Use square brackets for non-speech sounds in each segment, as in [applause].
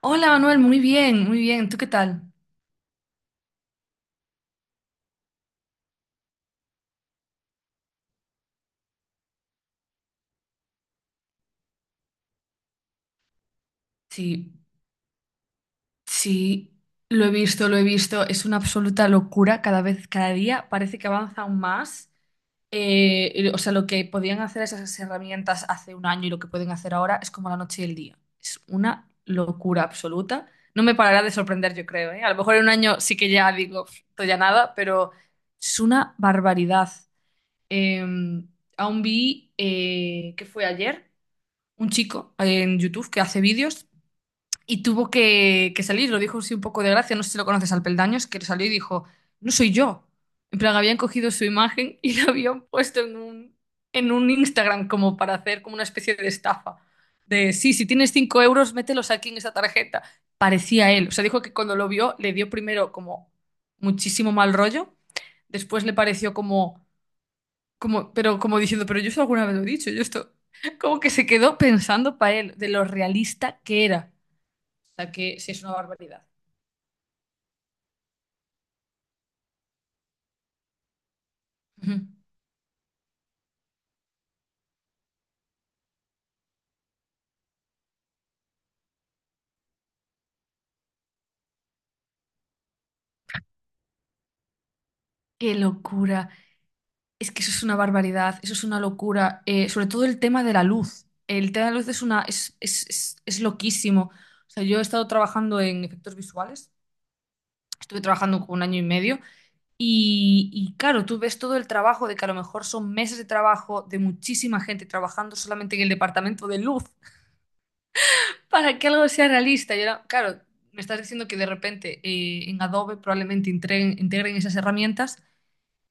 Hola Manuel, muy bien, muy bien. ¿Tú qué tal? Sí, sí, lo he visto, lo he visto. Es una absoluta locura cada vez, cada día. Parece que avanza aún más. Lo que podían hacer esas herramientas hace un año y lo que pueden hacer ahora es como la noche y el día. Es una locura absoluta. No me parará de sorprender, yo creo, ¿eh? A lo mejor en un año sí que ya digo, "Pf, esto ya nada", pero es una barbaridad. Eh, aún vi, ¿qué fue ayer? Un chico en YouTube que hace vídeos y tuvo que salir, lo dijo así un poco de gracia, no sé si lo conoces, al Peldaños, que salió y dijo, "No soy yo". En plan, habían cogido su imagen y la habían puesto en un Instagram como para hacer como una especie de estafa. De, sí, si tienes 5 euros, mételos aquí en esa tarjeta. Parecía él. O sea, dijo que cuando lo vio le dio primero como muchísimo mal rollo, después le pareció como, pero como diciendo, "Pero yo eso alguna vez lo he dicho, yo esto", [laughs] como que se quedó pensando para él de lo realista que era. O sea, que sí, es una barbaridad. Ujú. Qué locura. Es que eso es una barbaridad, eso es una locura. Sobre todo el tema de la luz. El tema de la luz es es loquísimo. O sea, yo he estado trabajando en efectos visuales, estuve trabajando como un año y medio. Y claro, tú ves todo el trabajo de que a lo mejor son meses de trabajo de muchísima gente trabajando solamente en el departamento de luz. Para que algo sea realista, yo no- claro, me estás diciendo que de repente en Adobe probablemente integren esas herramientas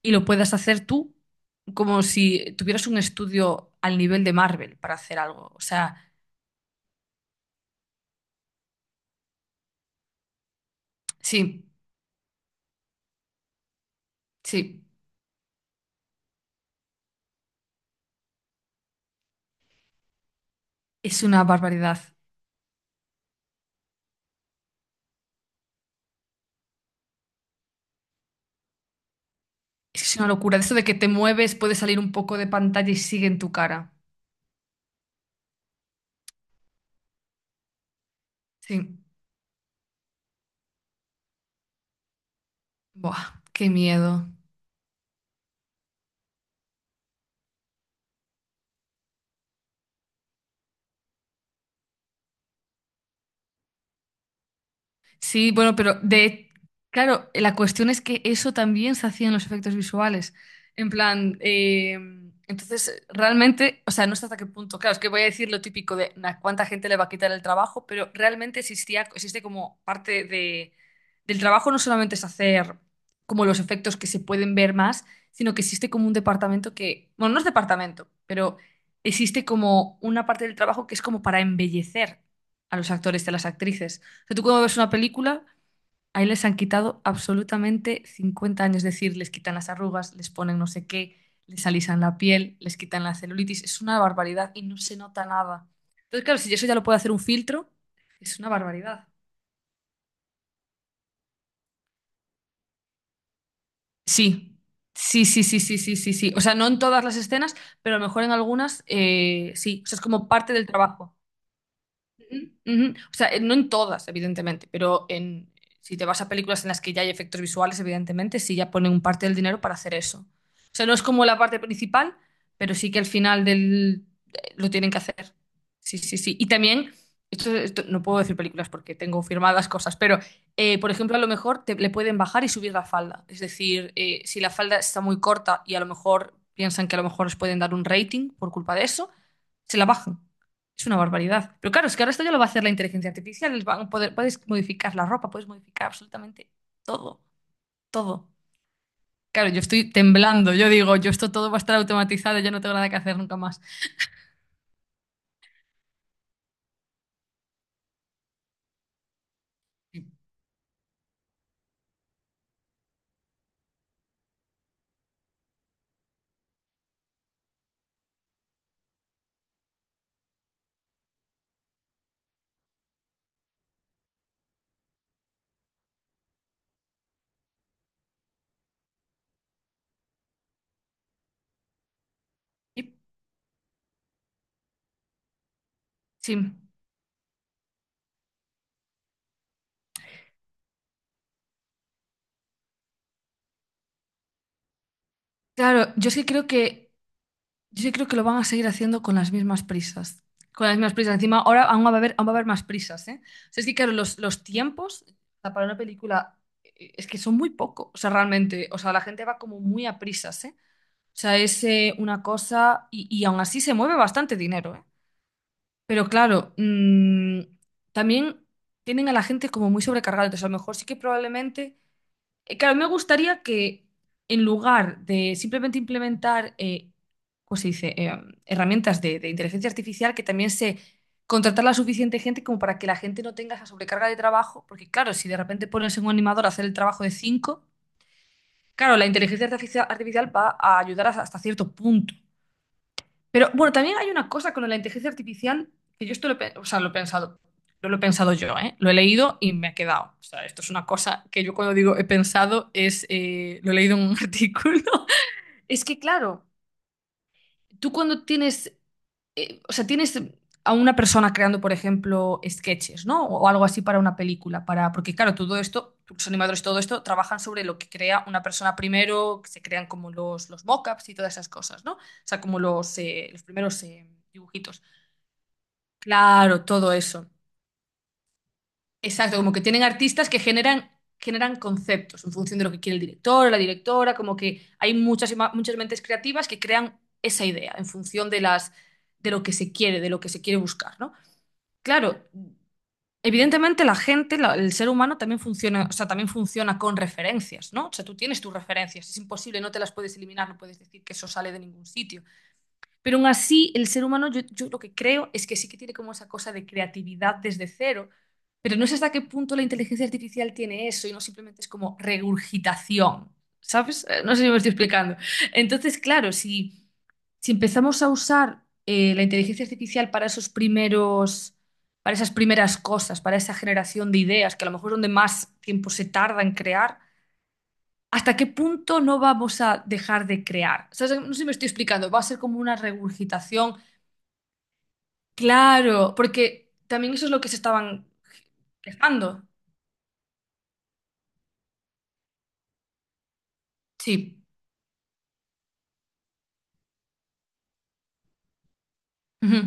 y lo puedas hacer tú como si tuvieras un estudio al nivel de Marvel para hacer algo. O sea, sí, sí, es una barbaridad. Es que es una locura. Eso de que te mueves, puede salir un poco de pantalla y sigue en tu cara. Sí. Buah, qué miedo. Sí, bueno, pero de, claro, la cuestión es que eso también se hacía en los efectos visuales. En plan, entonces realmente, o sea, no sé hasta qué punto. Claro, es que voy a decir lo típico de "Nah, cuánta gente le va a quitar el trabajo", pero realmente existía, existe como parte de, del trabajo. No solamente es hacer como los efectos que se pueden ver más, sino que existe como un departamento que, bueno, no es departamento, pero existe como una parte del trabajo que es como para embellecer a los actores y a las actrices. Sea, tú cuando ves una película, ahí les han quitado absolutamente 50 años. Es decir, les quitan las arrugas, les ponen no sé qué, les alisan la piel, les quitan la celulitis. Es una barbaridad y no se nota nada. Entonces, claro, si eso ya lo puede hacer un filtro, es una barbaridad. Sí, sí, sí, sí, sí, sí, sí, sí. O sea, no en todas las escenas, pero a lo mejor en algunas sí. O sea, es como parte del trabajo. Ujú, ujú. O sea, no en todas, evidentemente, pero en, si te vas a películas en las que ya hay efectos visuales, evidentemente, sí ya ponen un parte del dinero para hacer eso. O sea, no es como la parte principal, pero sí que al final del, lo tienen que hacer. Sí, sí, sí. Y también, no puedo decir películas porque tengo firmadas cosas, pero, por ejemplo, a lo mejor te- le pueden bajar y subir la falda. Es decir, si la falda está muy corta y a lo mejor piensan que a lo mejor les pueden dar un rating por culpa de eso, se la bajan. Es una barbaridad. Pero claro, es que ahora esto ya lo va a hacer la inteligencia artificial. Les van a poder- puedes modificar la ropa, puedes modificar absolutamente todo, todo. Claro, yo estoy temblando. Yo digo, yo esto todo va a estar automatizado, yo no tengo nada que hacer nunca más. Y- sí. Claro, yo sí creo que, yo sí creo que lo van a seguir haciendo con las mismas prisas. Con las mismas prisas. Encima, ahora aún va a haber, aún va a haber más prisas, ¿eh? O sea, es que claro, los tiempos, o sea, para una película es que son muy poco. O sea, realmente, o sea, la gente va como muy a prisas, ¿eh? O sea, es una cosa y aún así se mueve bastante dinero, ¿eh? Pero claro, también tienen a la gente como muy sobrecargada. Entonces, a lo mejor sí que probablemente… claro, me gustaría que en lugar de simplemente implementar, ¿cómo se dice?, herramientas de inteligencia artificial, que también se contratar la suficiente gente como para que la gente no tenga esa sobrecarga de trabajo. Porque claro, si de repente pones en un animador a hacer el trabajo de cinco… Claro, la inteligencia artificia- artificial va a ayudar hasta hasta cierto punto, pero bueno, también hay una cosa con la inteligencia artificial que yo esto lo, he pe- o sea, lo he pensado, no lo he pensado yo, ¿eh? Lo he leído y me ha quedado. O sea, esto es una cosa que yo cuando digo he pensado es, lo he leído en un [laughs] artículo. Es que claro, tú cuando tienes, o sea, tienes a una persona creando, por ejemplo, sketches, ¿no? O algo así para una película, para, porque claro, todo esto, los animadores, todo esto, trabajan sobre lo que crea una persona primero, que se crean como los mockups y todas esas cosas, ¿no? O sea, como los primeros dibujitos. Claro, todo eso. Exacto, como que tienen artistas que generan, generan conceptos en función de lo que quiere el director, o la directora, como que hay muchas, ima- muchas mentes creativas que crean esa idea en función de las, de lo que se quiere, de lo que se quiere buscar, ¿no? Claro, evidentemente la gente, la- el ser humano también funciona, o sea, también funciona con referencias, ¿no? O sea, tú tienes tus referencias, es imposible, no te las puedes eliminar, no puedes decir que eso sale de ningún sitio. Pero aún así, el ser humano, yo lo que creo es que sí que tiene como esa cosa de creatividad desde cero, pero no sé hasta qué punto la inteligencia artificial tiene eso y no simplemente es como regurgitación, ¿sabes? No sé si me estoy explicando. Entonces, claro, si, si empezamos a usar la inteligencia artificial para esos primeros, para esas primeras cosas, para esa generación de ideas, que a lo mejor es donde más tiempo se tarda en crear, ¿hasta qué punto no vamos a dejar de crear? ¿Sabes? No sé si me estoy explicando, va a ser como una regurgitación. Claro, porque también eso es lo que se estaban quejando. Sí. Ujú.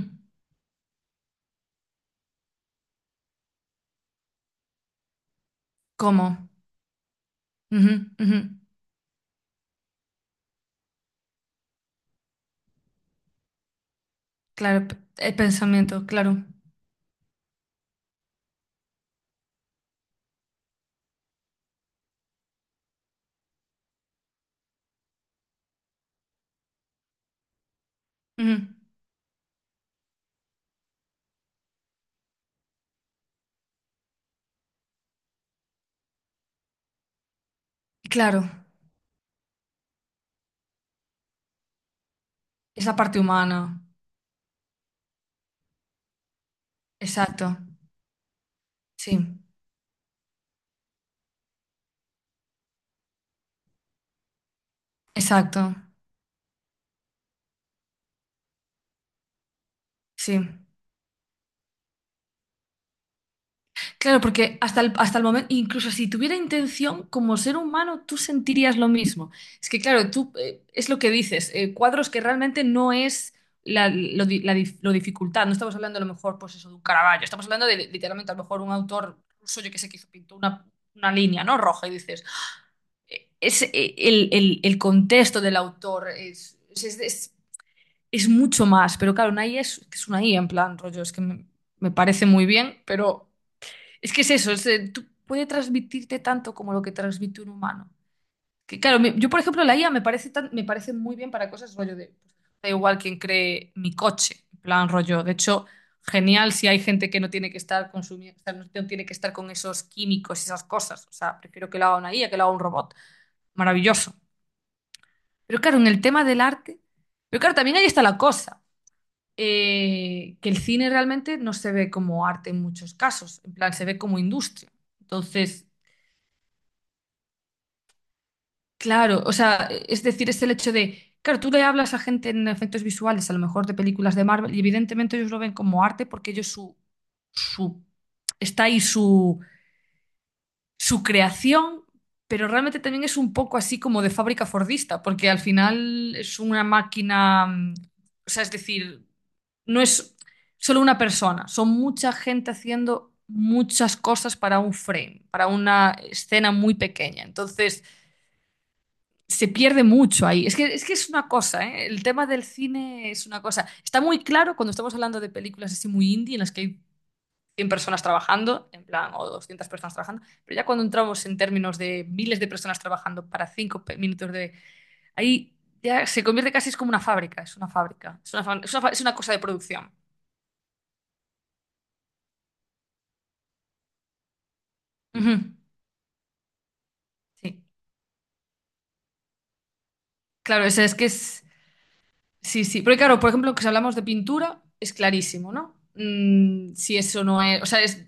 ¿Cómo? Ujú, ujú. Claro, p- el pensamiento, claro. Ujú. Claro, esa parte humana. Exacto. Sí, exacto. Sí. Claro, porque hasta el momento, incluso si tuviera intención, como ser humano, tú sentirías lo mismo. Es que, claro, tú es lo que dices, cuadros que realmente no es la, lo, di- la dif- lo dificultad. No estamos hablando a lo mejor, pues eso, de un Caravaggio. Estamos hablando de literalmente a lo mejor un autor ruso, yo que sé, que hizo, pintó una línea, ¿no? Roja, y dices, es, el contexto del autor es, es mucho más. Pero claro, una IA es una IA en plan, rollo, es que me me parece muy bien, pero. Es que es eso, es, tú puede transmitirte tanto como lo que transmite un humano. Que, claro, me- yo, por ejemplo, la IA me parece, tan- me parece muy bien para cosas rollo de. Pues, da igual quien cree mi coche, en plan rollo. De hecho, genial si hay gente que no tiene que estar consumiendo, o sea, no no tiene que estar con esos químicos y esas cosas. O sea, prefiero que lo haga una I a que lo haga un robot. Maravilloso. Pero claro, en el tema del arte. Pero claro, también ahí está la cosa. Que el cine realmente no se ve como arte en muchos casos. En plan, se ve como industria. Entonces. Claro, o sea, e, es decir, es el hecho de, claro, tú le hablas a gente en efectos visuales, a lo mejor de películas de Marvel, y evidentemente ellos lo ven como arte porque ellos su, su, está ahí su, su creación, pero realmente también es un poco así como de fábrica fordista, porque al final es una máquina, o sea, es decir, no es solo una persona, son mucha gente haciendo muchas cosas para un frame, para una escena muy pequeña. Entonces se pierde mucho ahí. Es que es una cosa, ¿eh? El tema del cine es una cosa. Está muy claro cuando estamos hablando de películas así muy indie, en las que hay 100 personas trabajando, en plan, o 200 personas trabajando, pero ya cuando entramos en términos de miles de personas trabajando para 5 minutos de… Ahí ya se convierte casi es como una fábrica, es una fábrica, es una, fa- es una fa- es una cosa de producción. Ujú, sí, claro, o sea, es que es… Sí, sí, porque claro, por ejemplo, que si hablamos de pintura, es clarísimo, ¿no? Mm, si eso no es… O sea, es,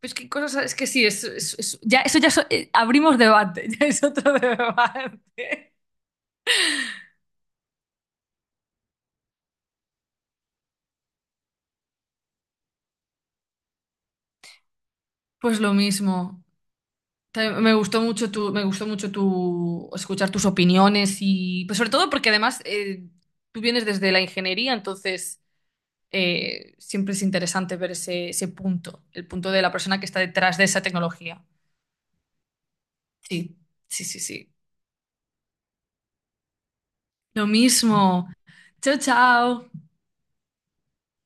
pues qué cosas, es que sí, es- ya, eso ya so- abrimos debate, [laughs] ya es otro debate. Pues lo mismo. Te- Me gustó mucho tu, me gustó mucho tu escuchar tus opiniones y pues sobre todo porque además tú vienes desde la ingeniería, entonces siempre es interesante ver ese, ese punto, el punto de la persona que está detrás de esa tecnología. Sí, sí, sí, sí. Lo mismo. Chao, chao.